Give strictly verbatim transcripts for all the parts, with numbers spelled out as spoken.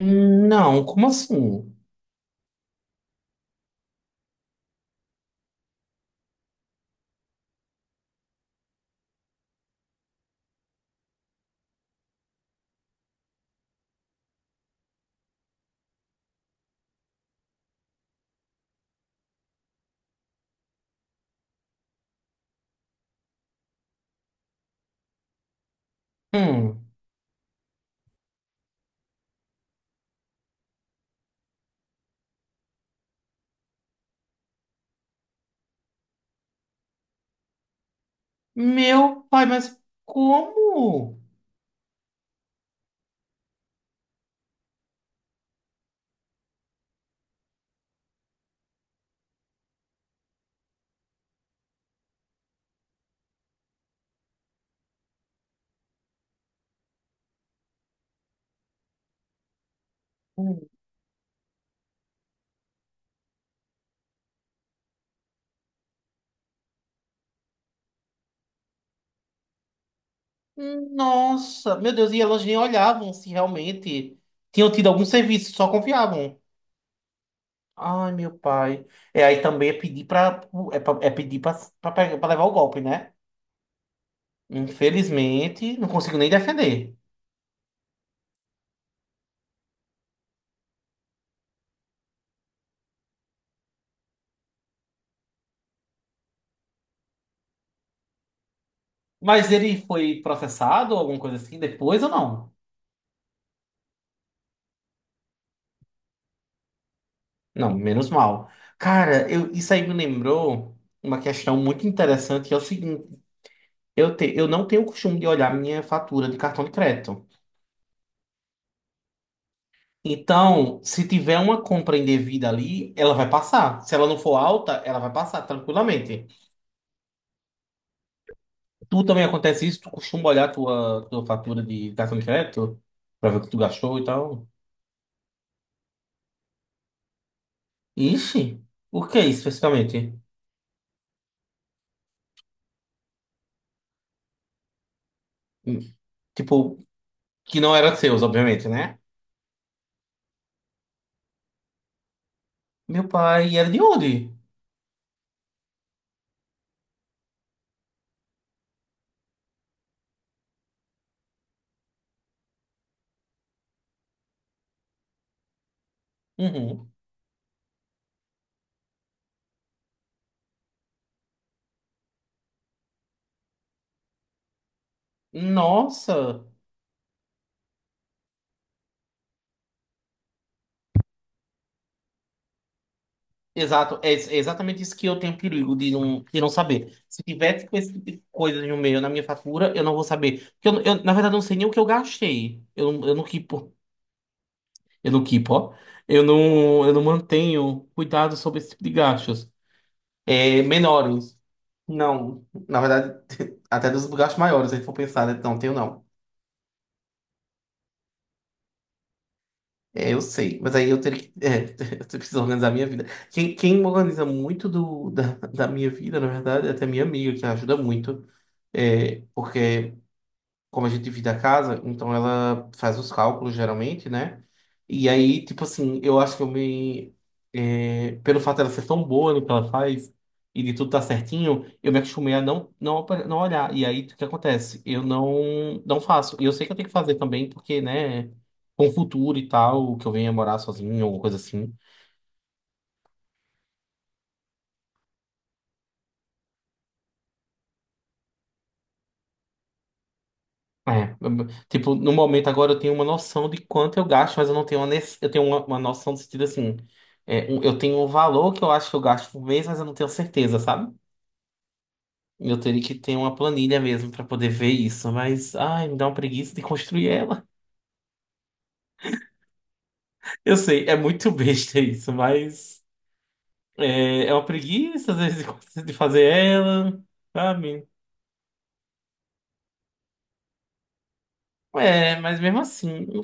Não, como assim? Hum. Meu pai, mas como? Nossa, meu Deus, e elas nem olhavam se realmente tinham tido algum serviço, só confiavam. Ai, meu pai. É, aí também é pedir pra, é, pra- é pedir pra, pra, pe- pra levar o golpe, né? Infelizmente, não consigo nem defender. Mas ele foi processado, alguma coisa assim, depois ou não? Não, menos mal. Cara, eu, isso aí me lembrou uma questão muito interessante, que é o seguinte. Eu, te, eu não tenho o costume de olhar minha fatura de cartão de crédito. Então, se tiver uma compra indevida ali, ela vai passar. Se ela não for alta, ela vai passar tranquilamente. Tu também acontece isso? Tu costuma olhar tua, tua fatura de cartão de crédito pra ver o que tu gastou e tal? Ixi, o que é isso especificamente? Hum, Tipo, que não era seus, obviamente, né? Meu pai era de onde? Uhum. Nossa. Exato, é ex- é exatamente isso que eu tenho perigo de não, de não saber. Se tiver tipo, esse tipo de coisa no meio, na minha fatura, eu não vou saber. Porque eu, eu, na verdade, não sei nem o que eu gastei. Eu, não- eu não keepo, eu não keepo, ó. Eu não, eu não mantenho cuidado sobre esse tipo de gastos. É, menores. Não, na verdade, até dos gastos maiores, se a gente for pensar, né? Não, tenho não. É, eu sei, mas aí eu teria que. É, eu preciso organizar a minha vida. Quem, quem organiza muito do, da, da minha vida, na verdade, é até minha amiga, que ajuda muito. É, porque como a gente divide a casa, então ela faz os cálculos geralmente, né? E aí, tipo assim, eu acho que eu me. É, pelo fato dela ser tão boa no que ela faz e de tudo tá certinho, eu me acostumei a não, não, oper- não olhar. E aí, o que acontece? Eu não, não faço. E eu sei que eu tenho que fazer também, porque, né, com o futuro e tal, que eu venha morar sozinho, alguma coisa assim. É, tipo, no momento agora eu tenho uma noção de quanto eu gasto, mas eu não tenho uma, nece- eu tenho uma, uma noção do sentido assim. É, um- eu tenho um valor que eu acho que eu gasto por mês, mas eu não tenho certeza, sabe? Eu teria que ter uma planilha mesmo pra poder ver isso, mas ai, me dá uma preguiça de construir ela. Eu sei, é muito besta isso, mas é, é uma preguiça às vezes de de fazer ela, sabe? É, mas mesmo assim, eu-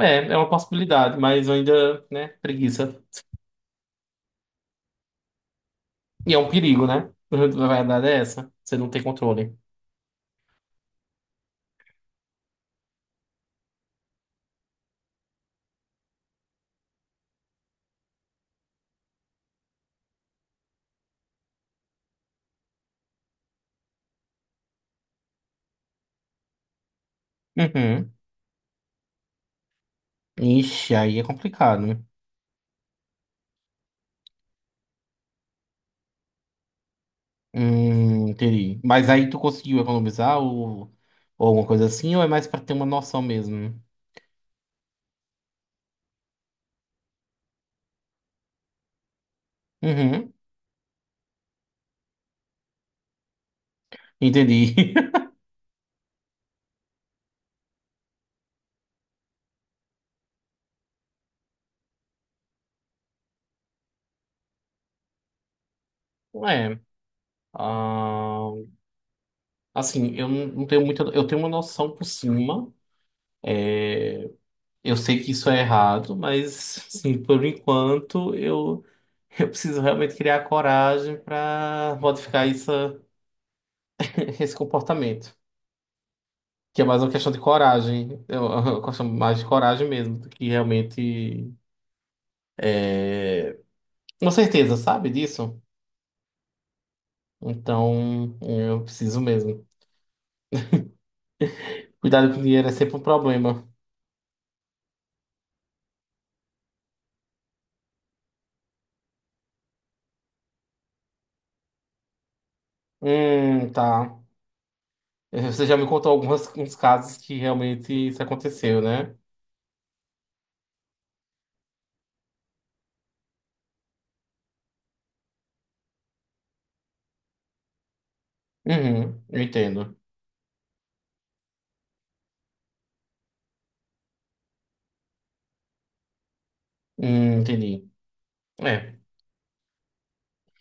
é, é uma possibilidade, mas eu ainda, né, preguiça. E é um perigo, né? A verdade é essa. Você não tem controle. Uhum. Ixi, aí é complicado, né? Hum, entendi. Mas aí tu conseguiu economizar ou, ou alguma coisa assim, ou é mais pra ter uma noção mesmo? Uhum. Entendi. É. Ah, assim, eu não não tenho muita. Eu tenho uma noção por cima. Eu sei que isso é errado, mas, assim, por enquanto, eu, eu preciso realmente criar coragem para modificar isso, esse comportamento. Que é mais uma questão de coragem. É uma questão mais de coragem mesmo, do que realmente é, uma certeza, sabe disso? Então, eu preciso mesmo. Cuidado com o dinheiro é sempre um problema. Hum, tá. Eh, você já me contou alguns uns casos que realmente isso aconteceu, né? Uhum, eu entendo. Hum, entendi. É.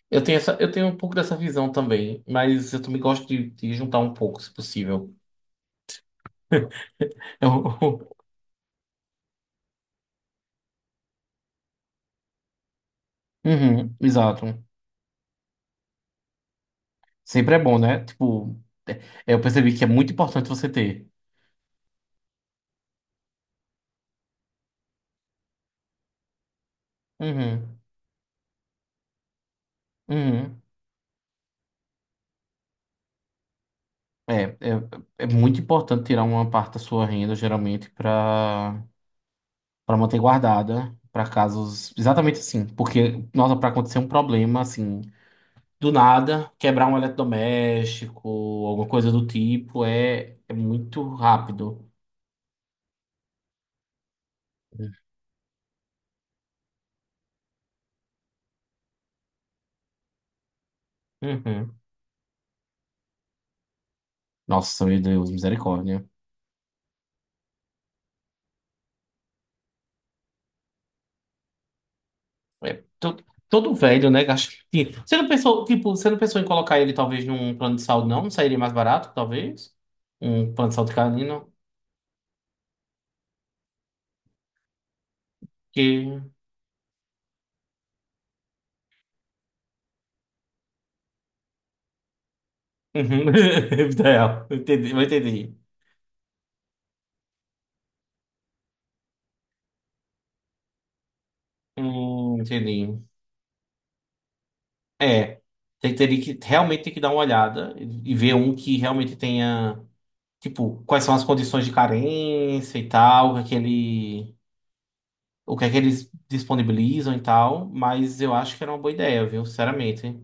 Eu tenho essa, eu tenho um pouco dessa visão também, mas eu também gosto de, de juntar um pouco, se possível. Eu- Uhum, exato. Sempre é bom, né? Tipo, é- é, eu percebi que é muito importante você ter. Uhum. Uhum. É, é, é muito importante tirar uma parte da sua renda, geralmente, para para manter guardada, para casos exatamente assim. Porque, nossa, para acontecer um problema, assim, do nada, quebrar um eletrodoméstico, alguma coisa do tipo, é, é muito rápido. Uhum. Nossa, meu Deus, misericórdia. É, to- todo velho, né? Gasta... Você não pensou, tipo, você não pensou em colocar ele talvez num plano de saúde, não? Não sairia mais barato, talvez? Um plano de saúde canino? Que. Uhum. É vida real. Eu entendi, eu entendi. Hum, entendi. É. Tem- Teria que realmente ter que dar uma olhada e e ver um que realmente tenha, tipo, quais são as condições de carência e tal, o que é que ele, o que é que eles disponibilizam e tal, mas eu acho que era uma boa ideia, viu? Sinceramente.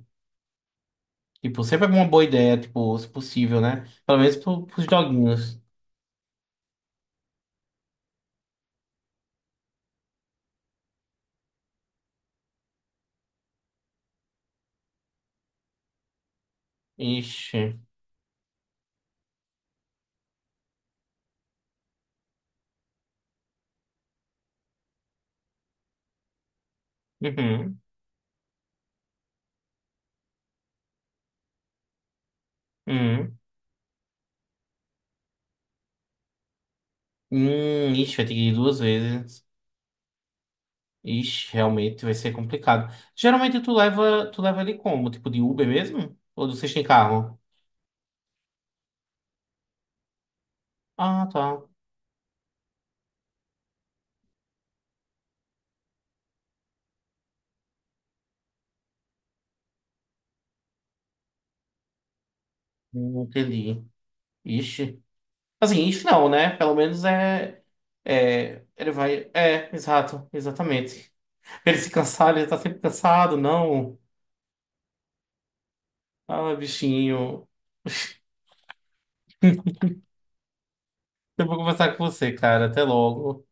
Tipo, sempre é uma boa ideia, tipo, se possível, né? Pelo menos pro, pros doguinhos. Ixi. Uhum. Uhum. Hum, ixi, vai ter que ir duas vezes. Ixi, realmente vai ser complicado. Geralmente tu leva, tu leva ele como? Tipo de Uber mesmo? Ou vocês têm carro? Ah, tá. Hum, entendi. Ixi. Assim, ixi não, né? Pelo menos é. É. Ele vai. É, exato, exatamente. Pra ele se cansar, ele tá sempre cansado, não. Ah, bichinho. Eu vou conversar com você, cara. Até logo.